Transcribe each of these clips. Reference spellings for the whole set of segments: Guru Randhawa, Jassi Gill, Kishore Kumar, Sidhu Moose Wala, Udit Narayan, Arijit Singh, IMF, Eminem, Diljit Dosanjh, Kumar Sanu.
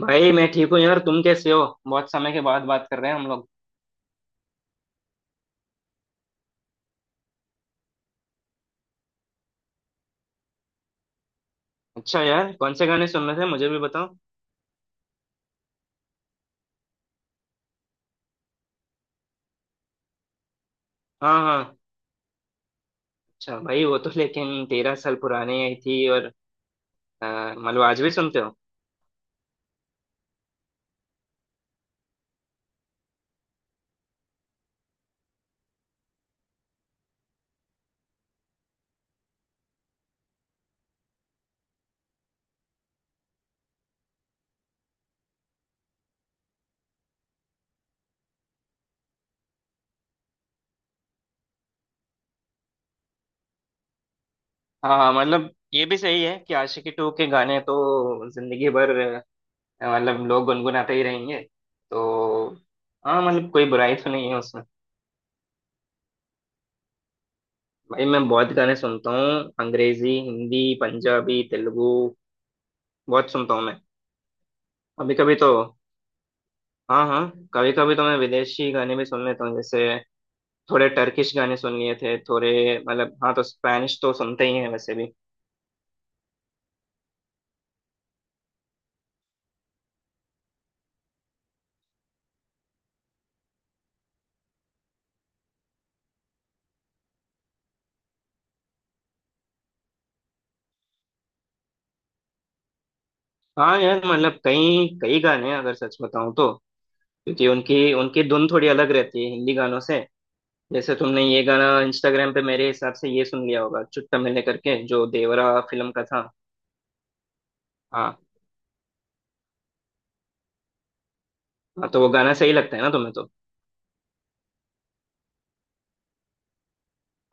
भाई मैं ठीक हूँ यार। तुम कैसे हो? बहुत समय के बाद बात कर रहे हैं हम लोग। अच्छा यार, कौन से गाने सुन रहे थे? मुझे भी बताओ। हाँ, हाँ। अच्छा भाई, वो तो लेकिन 13 साल पुराने आई थी और मतलब आज भी सुनते हो? हाँ, हाँ। मतलब ये भी सही है कि आशिकी टू के गाने तो जिंदगी भर मतलब लोग गुनगुनाते ही रहेंगे। तो हाँ, मतलब कोई बुराई तो नहीं है उसमें। भाई मैं बहुत गाने सुनता हूँ। अंग्रेजी, हिंदी, पंजाबी, तेलुगु, बहुत सुनता हूँ मैं। कभी कभी तो हाँ, हाँ, कभी कभी तो मैं विदेशी गाने भी सुन लेता हूँ। जैसे थोड़े टर्किश गाने सुन लिए थे थोड़े। मतलब हाँ, तो स्पैनिश तो सुनते ही हैं वैसे भी। हाँ यार, मतलब कई कई गाने हैं, अगर सच बताऊँ तो। क्योंकि उनकी उनकी धुन थोड़ी अलग रहती है हिंदी गानों से। जैसे तुमने ये गाना इंस्टाग्राम पे, मेरे हिसाब से ये सुन लिया होगा, चुट्टा मिलने करके, जो देवरा फिल्म का था। हाँ, हाँ। तो वो गाना सही लगता है ना तुम्हें तो?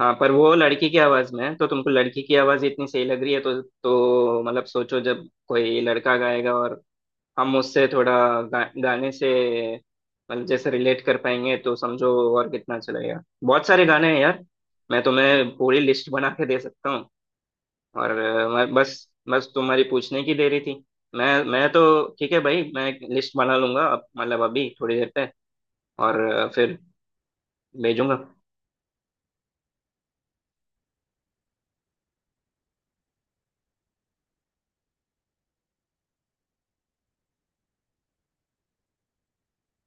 हाँ, पर वो लड़की की आवाज में है, तो तुमको लड़की की आवाज इतनी सही लग रही है तो मतलब सोचो जब कोई लड़का गाएगा और हम उससे थोड़ा गाने से मतलब जैसे रिलेट कर पाएंगे तो समझो और कितना चलेगा। बहुत सारे गाने हैं यार, मैं तुम्हें पूरी लिस्ट बना के दे सकता हूँ। और मैं बस बस तुम्हारी पूछने की देरी थी। मैं तो, ठीक है भाई, मैं लिस्ट बना लूंगा अब, मतलब अभी थोड़ी देर पे। और फिर भेजूंगा।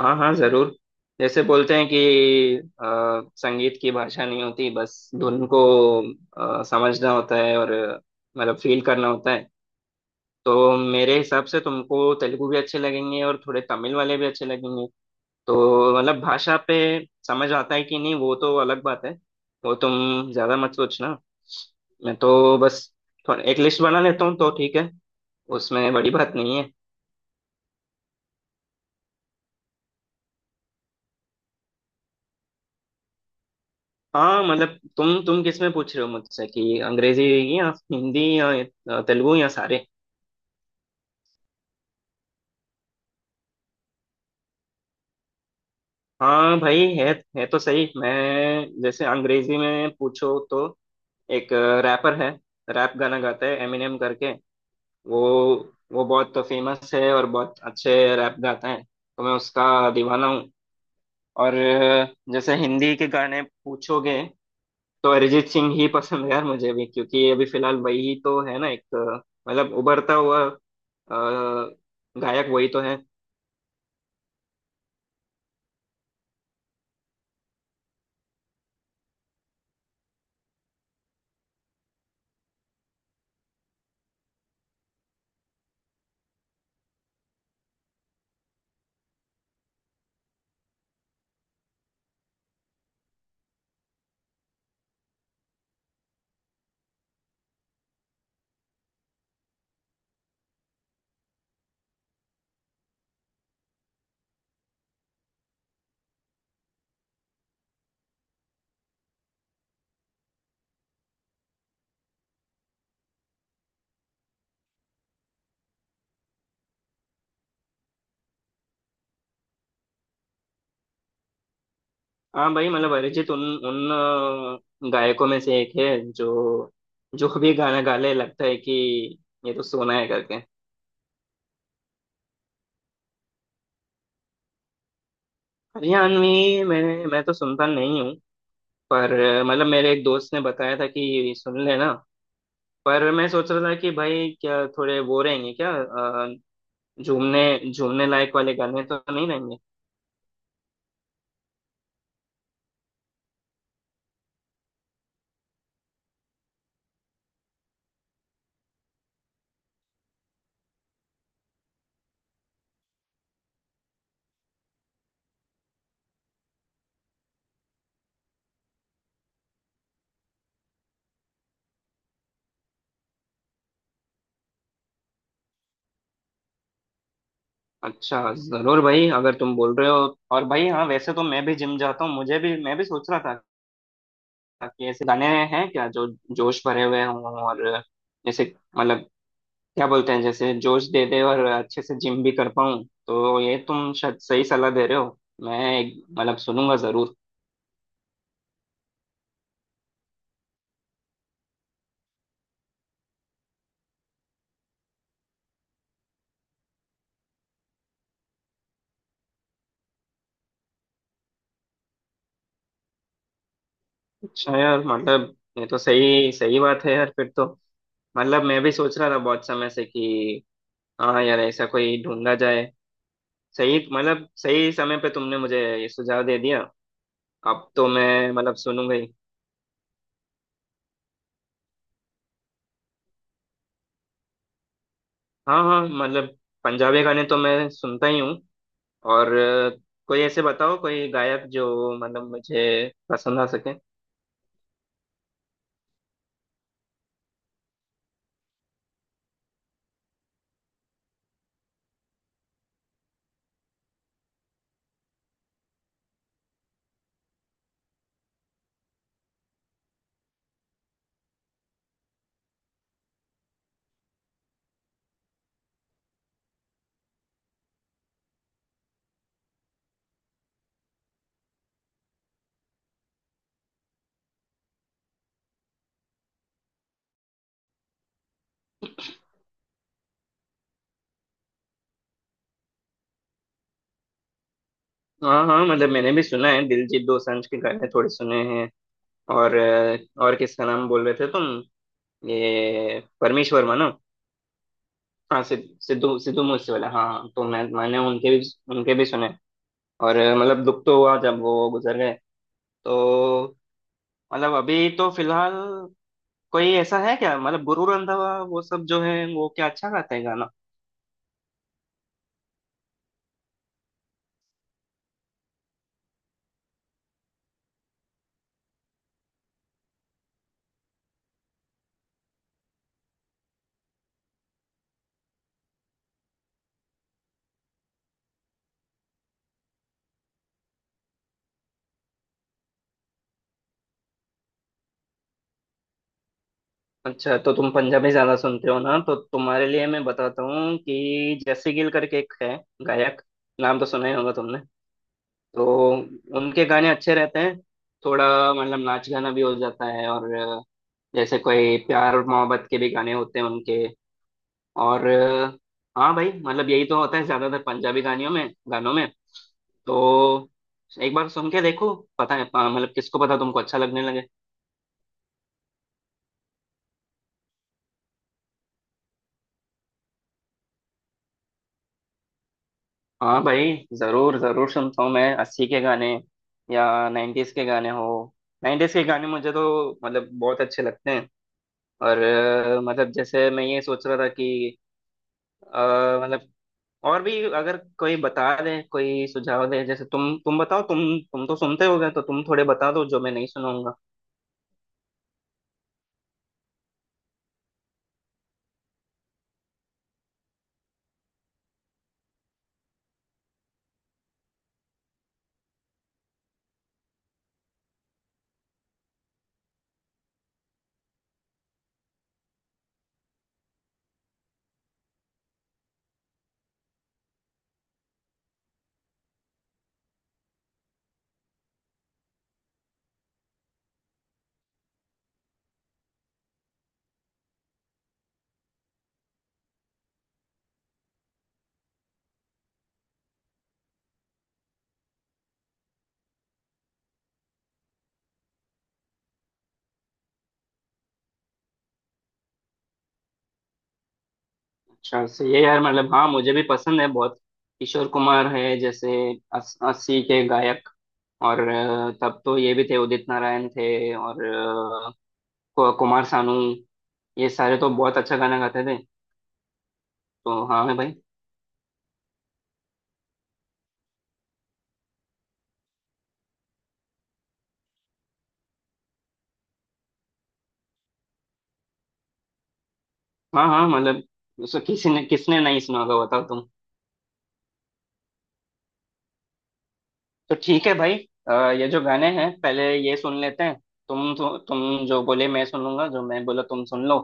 हाँ, हाँ, जरूर। जैसे बोलते हैं कि संगीत की भाषा नहीं होती, बस धुन को समझना होता है और मतलब फील करना होता है। तो मेरे हिसाब से तुमको तेलुगु भी अच्छे लगेंगे और थोड़े तमिल वाले भी अच्छे लगेंगे। तो मतलब भाषा पे समझ आता है कि नहीं वो तो अलग बात है। वो तुम ज्यादा मत सोचना। मैं तो बस थोड़ा एक लिस्ट बना लेता हूँ तो ठीक है। उसमें बड़ी बात नहीं है। हाँ मतलब तुम किस में पूछ रहे हो मुझसे? कि अंग्रेजी या हिंदी या तेलुगु या सारे? हाँ भाई, है। है तो सही। मैं जैसे अंग्रेजी में पूछो तो एक रैपर है, रैप गाना गाता है, एमिनेम करके। वो वो बहुत फेमस है और बहुत अच्छे रैप गाता है, तो मैं उसका दीवाना हूँ। और जैसे हिंदी के गाने पूछोगे तो अरिजीत सिंह ही पसंद है यार, मुझे भी। क्योंकि अभी फिलहाल वही तो है ना, एक मतलब उभरता हुआ गायक वही तो है। हाँ भाई, मतलब अरिजीत उन उन गायकों में से एक है जो, जो भी गाना गा ले, लगता है कि ये तो सोना है करके। हरियाणवी? मैं तो सुनता नहीं हूँ। पर मतलब मेरे एक दोस्त ने बताया था कि ये सुन लेना। पर मैं सोच रहा था कि भाई क्या थोड़े वो रहेंगे क्या झूमने, झूमने लायक वाले गाने तो नहीं रहेंगे? अच्छा जरूर भाई, अगर तुम बोल रहे हो। और भाई हाँ, वैसे तो मैं भी जिम जाता हूँ, मुझे भी मैं भी सोच रहा था कि ऐसे गाने हैं क्या जो जोश भरे हुए हों और जैसे मतलब क्या बोलते हैं, जैसे जोश दे दे और अच्छे से जिम भी कर पाऊँ। तो ये तुम शायद सही सलाह दे रहे हो। मतलब सुनूंगा जरूर। अच्छा यार मतलब ये तो सही सही बात है यार, फिर तो मतलब मैं भी सोच रहा था बहुत समय से कि हाँ यार ऐसा कोई ढूंढा जाए। सही मतलब सही समय पे तुमने मुझे ये सुझाव दे दिया। अब तो मैं मतलब सुनूंगा ही। हाँ, हाँ, मतलब पंजाबी गाने तो मैं सुनता ही हूँ। और कोई ऐसे बताओ कोई गायक जो मतलब मुझे पसंद आ सके। हाँ, हाँ, मतलब मैंने भी सुना है, दिलजीत दोसांझ के गाने थोड़े सुने हैं। और और किसका नाम बोल रहे थे तुम? ये परमीश वर्मा ना? हाँ, सिद्धू सिद्धू मूसे वाला, हाँ, हाँ, तो मैंने उनके भी सुने। और मतलब दुख तो हुआ जब वो गुजर गए। तो मतलब अभी तो फिलहाल कोई ऐसा है क्या? मतलब गुरु रंधावा, वो सब, जो है वो क्या अच्छा गाते हैं गाना? अच्छा तो तुम पंजाबी ज्यादा सुनते हो ना, तो तुम्हारे लिए मैं बताता हूँ कि जैसी गिल करके एक है गायक, नाम तो सुना ही होगा तुमने। तो उनके गाने अच्छे रहते हैं, थोड़ा मतलब नाच गाना भी हो जाता है और जैसे कोई प्यार और मोहब्बत के भी गाने होते हैं उनके। और हाँ भाई, मतलब यही तो होता है ज्यादातर पंजाबी गानियों में, गानों में। तो एक बार सुन के देखो। पता है, मतलब किसको पता, तुमको अच्छा लगने लगे। हाँ भाई, जरूर जरूर सुनता हूँ मैं 80 के गाने या 90s के गाने हो। 90s के गाने मुझे तो मतलब बहुत अच्छे लगते हैं। और मतलब जैसे मैं ये सोच रहा था कि अ, मतलब और भी अगर कोई बता दे, कोई सुझाव दे, जैसे तुम बताओ, तुम तो सुनते होगे तो तुम थोड़े बता दो जो मैं नहीं सुनाऊंगा। अच्छा सही है यार, मतलब हाँ, मुझे भी पसंद है बहुत। किशोर कुमार है जैसे 80 के गायक। और तब तो ये भी थे, उदित नारायण थे, और कुमार सानू। ये सारे तो बहुत अच्छा गाना गाते थे। तो हाँ, है भाई। हाँ, हाँ मतलब उसको किसी ने, किसने नहीं सुना होगा बताओ। तो ठीक है भाई। अ, ये जो गाने हैं पहले ये सुन लेते हैं। तुम तो, तुम जो बोले मैं सुन लूंगा, जो मैं बोला तुम सुन लो।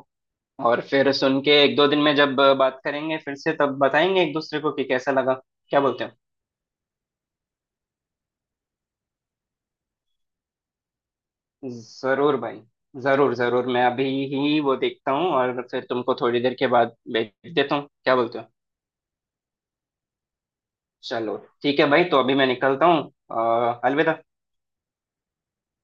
और फिर सुन के एक दो दिन में जब बात करेंगे फिर से तब बताएंगे एक दूसरे को कि कैसा लगा। क्या बोलते हो? जरूर भाई, जरूर जरूर। मैं अभी ही वो देखता हूँ और फिर तुमको थोड़ी देर के बाद भेज देता हूँ। क्या बोलते हो? चलो, ठीक है भाई, तो अभी मैं निकलता हूँ। अलविदा।